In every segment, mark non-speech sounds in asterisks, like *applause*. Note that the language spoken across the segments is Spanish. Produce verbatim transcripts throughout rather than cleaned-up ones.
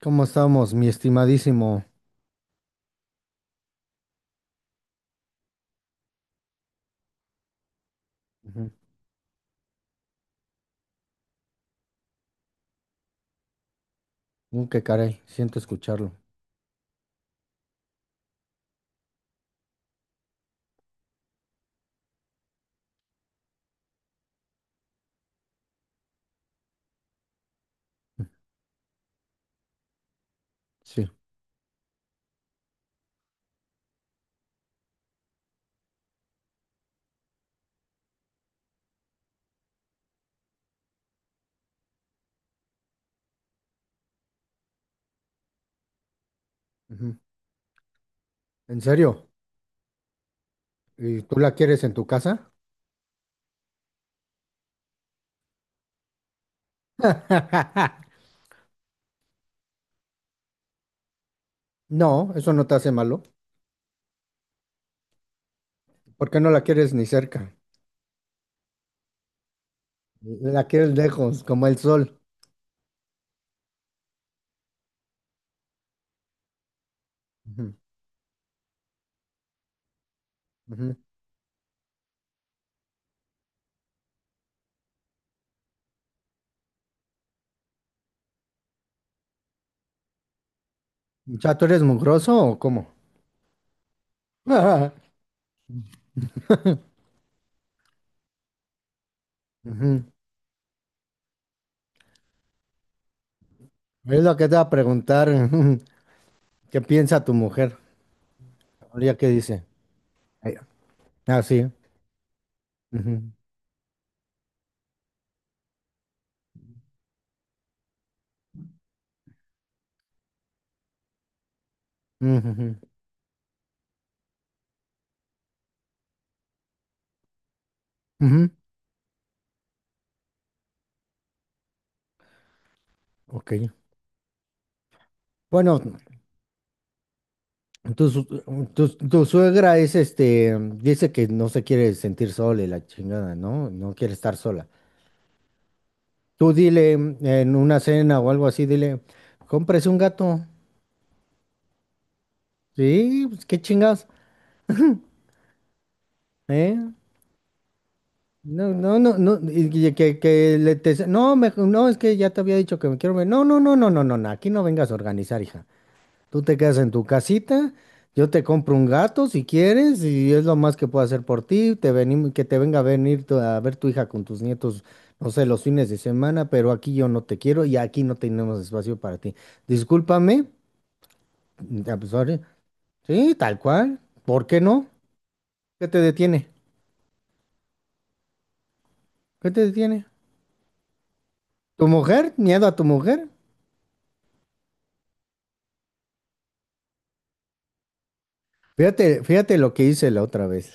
¿Cómo estamos, mi estimadísimo? Ujú. Uh, qué caray, siento escucharlo. Sí. Ujú. ¿En serio? ¿Y tú la quieres en tu casa? *laughs* No, eso no te hace malo. ¿Por qué no la quieres ni cerca? La quieres lejos, como el sol. Ujú, ujú. ¿Ya tú eres mugroso o cómo? *laughs* Ujú. Es lo que te va a preguntar. *laughs* Ujú. ¿Qué piensa tu mujer? ¿Ya qué dice? Ay. Ah, sí. Ujú, ujú, ujú, ujú. Ok. Bueno. Tu, su- tu, tu suegra es este, dice que no se quiere sentir sola y la chingada, ¿no? No quiere estar sola. Tú dile en una cena o algo así, dile, cómprese un gato. Sí, pues qué chingas, ¿eh? No, no, no, no, y que, que- que le te- no, me- no, es que ya te había dicho que me quiero ver. No, no, no, no, no, no, no, aquí no vengas a organizar, hija. Tú te quedas en tu casita, yo te compro un gato si quieres, y es lo más que puedo hacer por ti. Te venim- que te venga a venir tu- a ver tu hija con tus nietos, no sé, los fines de semana, pero aquí yo no te quiero y aquí no tenemos espacio para ti. Discúlpame, ya, pues, sorry. Sí, tal cual. ¿Por qué no? ¿Qué te detiene? ¿Qué te detiene? ¿Tu mujer? ¿Miedo a tu mujer? Fíjate, fíjate lo que hice la otra vez.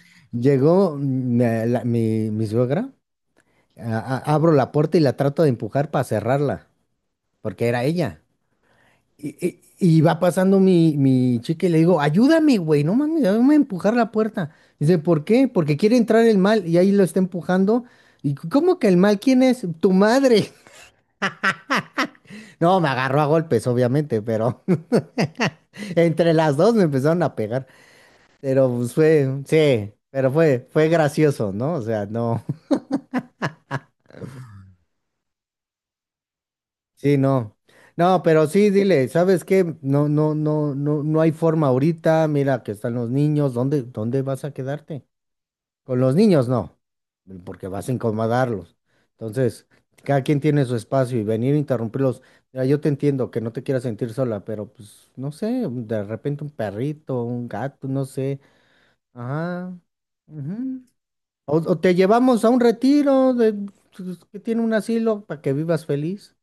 *laughs* Llegó mm, la- la- mi, mi suegra, a- a- abro la puerta y la trato de empujar para cerrarla, porque era ella. Y, y- y va pasando mi, mi chica y le digo, ayúdame, güey, no mames, ayúdame a empujar la puerta. Dice, ¿por qué? Porque quiere entrar el mal y ahí lo está empujando. ¿Y cómo que el mal quién es? Tu madre. *laughs* No, me agarró a golpes, obviamente, pero *laughs* entre las dos me empezaron a pegar. Pero pues, fue, sí, pero fue, fue gracioso, ¿no? O sea, no, *laughs* sí, no. No, pero sí, dile, ¿sabes qué? No, no, no, no, no hay forma ahorita. Mira que están los niños. ¿Dónde, dónde vas a quedarte? Con los niños no, porque vas a incomodarlos. Entonces, cada quien tiene su espacio y venir a interrumpirlos. Mira, yo te entiendo que no te quieras sentir sola, pero pues no sé, de repente un perrito, un gato, no sé. Ajá. Ujú. O, o te llevamos a un retiro de, pues, que tiene un asilo para que vivas feliz.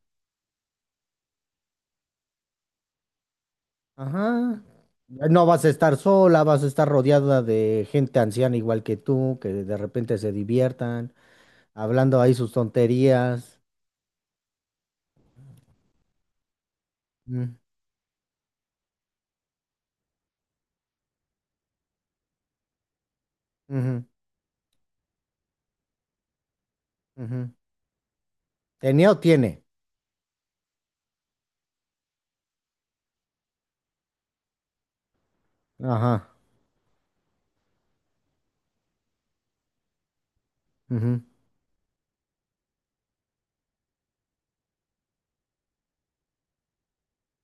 Ajá. No vas a estar sola, vas a estar rodeada de gente anciana igual que tú, que de repente se diviertan, hablando ahí sus tonterías. Mm. Ujú, ujú. ¿Tenía o tiene? Ajá. Ujú.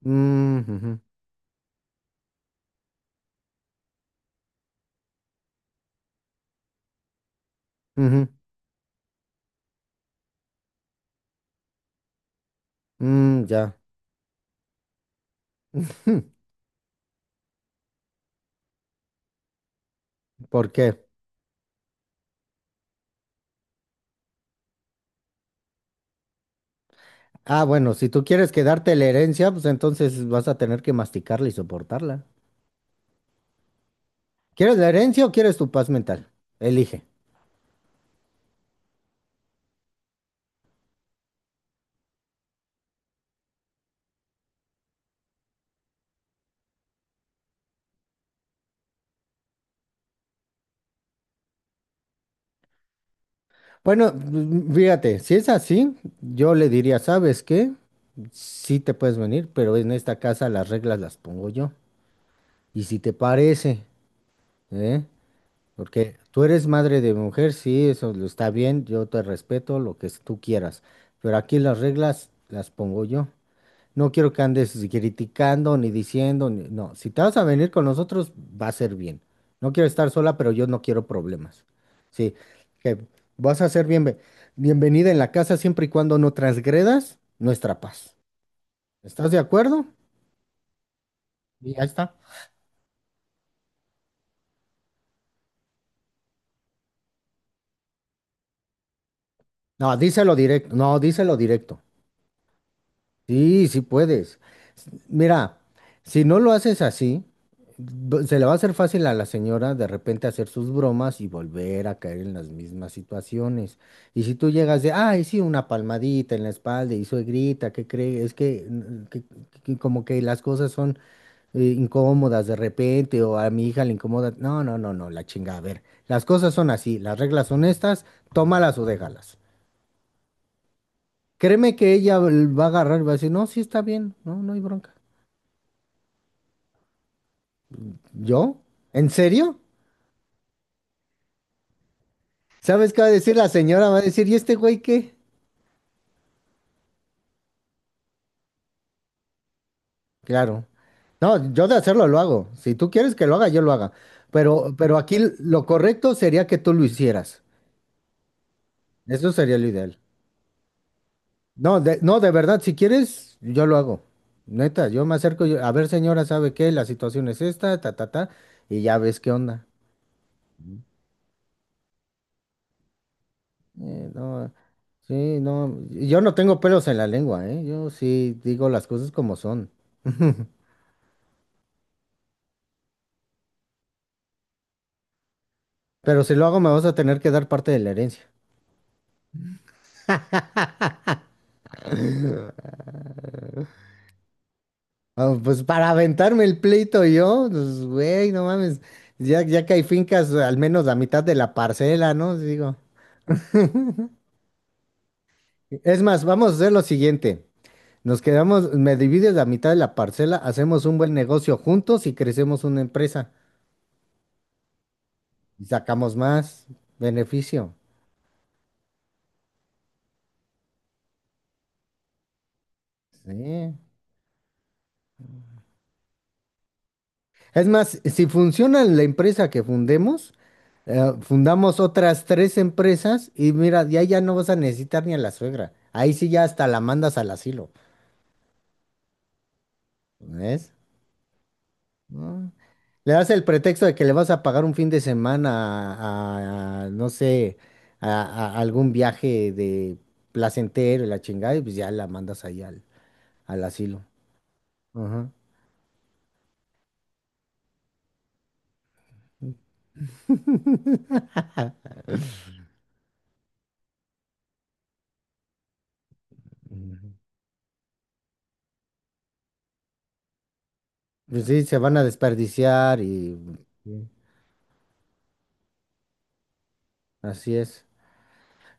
Mm, ujú, ujú. Mm, ya. *laughs* ¿Por qué? Ah, bueno, si tú quieres quedarte la herencia, pues entonces vas a tener que masticarla y soportarla. ¿Quieres la herencia o quieres tu paz mental? Elige. Bueno, mm, fíjate, si es así, yo le diría, ¿sabes qué? Sí te puedes venir, pero en esta casa las reglas las pongo yo. Y si te parece, ¿eh? Porque tú eres madre de mujer, sí, eso lo está bien, yo te respeto lo que tú quieras, pero aquí las reglas las pongo yo. No quiero que andes criticando ni diciendo, ni- no, si te vas a venir con nosotros, va a ser bien. No quiero estar sola, pero yo no quiero problemas. Sí, que vas a ser bienve- bienvenida en la casa siempre y cuando no transgredas nuestra paz. ¿Estás de acuerdo? Y ya está. No, díselo directo, no, díselo directo. Sí, sí puedes. S- Mira, si no lo haces así, b- se le va a hacer fácil a la señora de repente hacer sus bromas y volver a caer en las mismas situaciones. Y si tú llegas de, ay, sí, una palmadita en la espalda y suegrita, ¿qué crees? Es que, mm, que- que como que las cosas son eh, incómodas de repente o a mi hija le incomoda. No, no, no, no, la chinga. A ver, las cosas son así, las reglas son estas, tómalas o déjalas. Créeme que ella va a agarrar y va a decir, no, sí está bien, no, no hay bronca. ¿Yo? ¿En serio? ¿Sabes qué va a decir la señora? Va a decir, ¿y este güey qué? Claro. No, yo de hacerlo lo hago. Si tú quieres que lo haga, yo lo haga. Pero, pero aquí l- lo correcto sería que tú lo hicieras. Eso sería lo ideal. No, de, no, de verdad, si quieres, yo lo hago. Neta, yo me acerco, yo, a ver, señora, ¿sabe qué? La situación es esta, ta, ta, ta, y ya ves qué onda. Eh, no, sí, no, yo no tengo pelos en la lengua, ¿eh? Yo sí digo las cosas como son. *laughs* Pero si lo hago, me vas a tener que dar parte de la herencia. *laughs* Ah, pues para aventarme el pleito yo, pues güey, no mames. Ya, ya que hay fincas, al menos la mitad de la parcela, ¿no? Digo. Es más, vamos a hacer lo siguiente. Nos quedamos, me divides la mitad de la parcela, hacemos un buen negocio juntos y crecemos una empresa. Y sacamos más beneficio. Sí. Es más, si funciona la empresa que fundemos, eh, fundamos otras tres empresas y mira, ya ya no vas a necesitar ni a la suegra. Ahí sí ya hasta la mandas al asilo, ¿ves? ¿No? Le das el pretexto de que le vas a pagar un fin de semana a, a- no sé, a, a algún viaje de placentero y la chingada, y pues ya la mandas ahí al, al asilo. Ajá. Pues sí, se van a desperdiciar y sí, así es.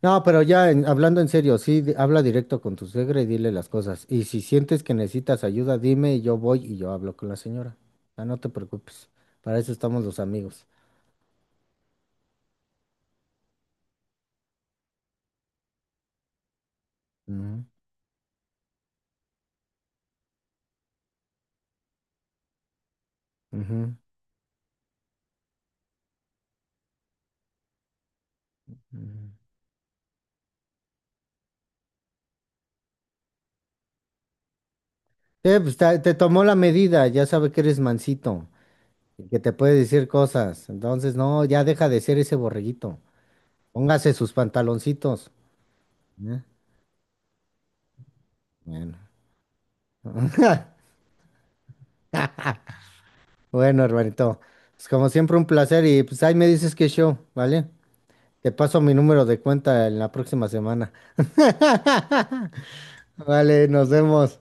No, pero ya en- hablando en serio, sí, di- habla directo con tu suegra y dile las cosas. Y si sientes que necesitas ayuda, dime y yo voy y yo hablo con la señora. Ah, no te preocupes, para eso estamos los amigos. Ujú, ujú, ujú. Eh, pues ta- te, tomó la medida, ya sabe que eres mansito y que te puede decir cosas. Entonces, no, ya deja de ser ese borreguito. Póngase sus pantaloncitos. ¿Eh? Bueno. *laughs* Bueno, hermanito. Pues como siempre, un placer y pues ahí me dices qué show, ¿vale? Te paso mi número de cuenta en la próxima semana. *laughs* Vale, nos vemos.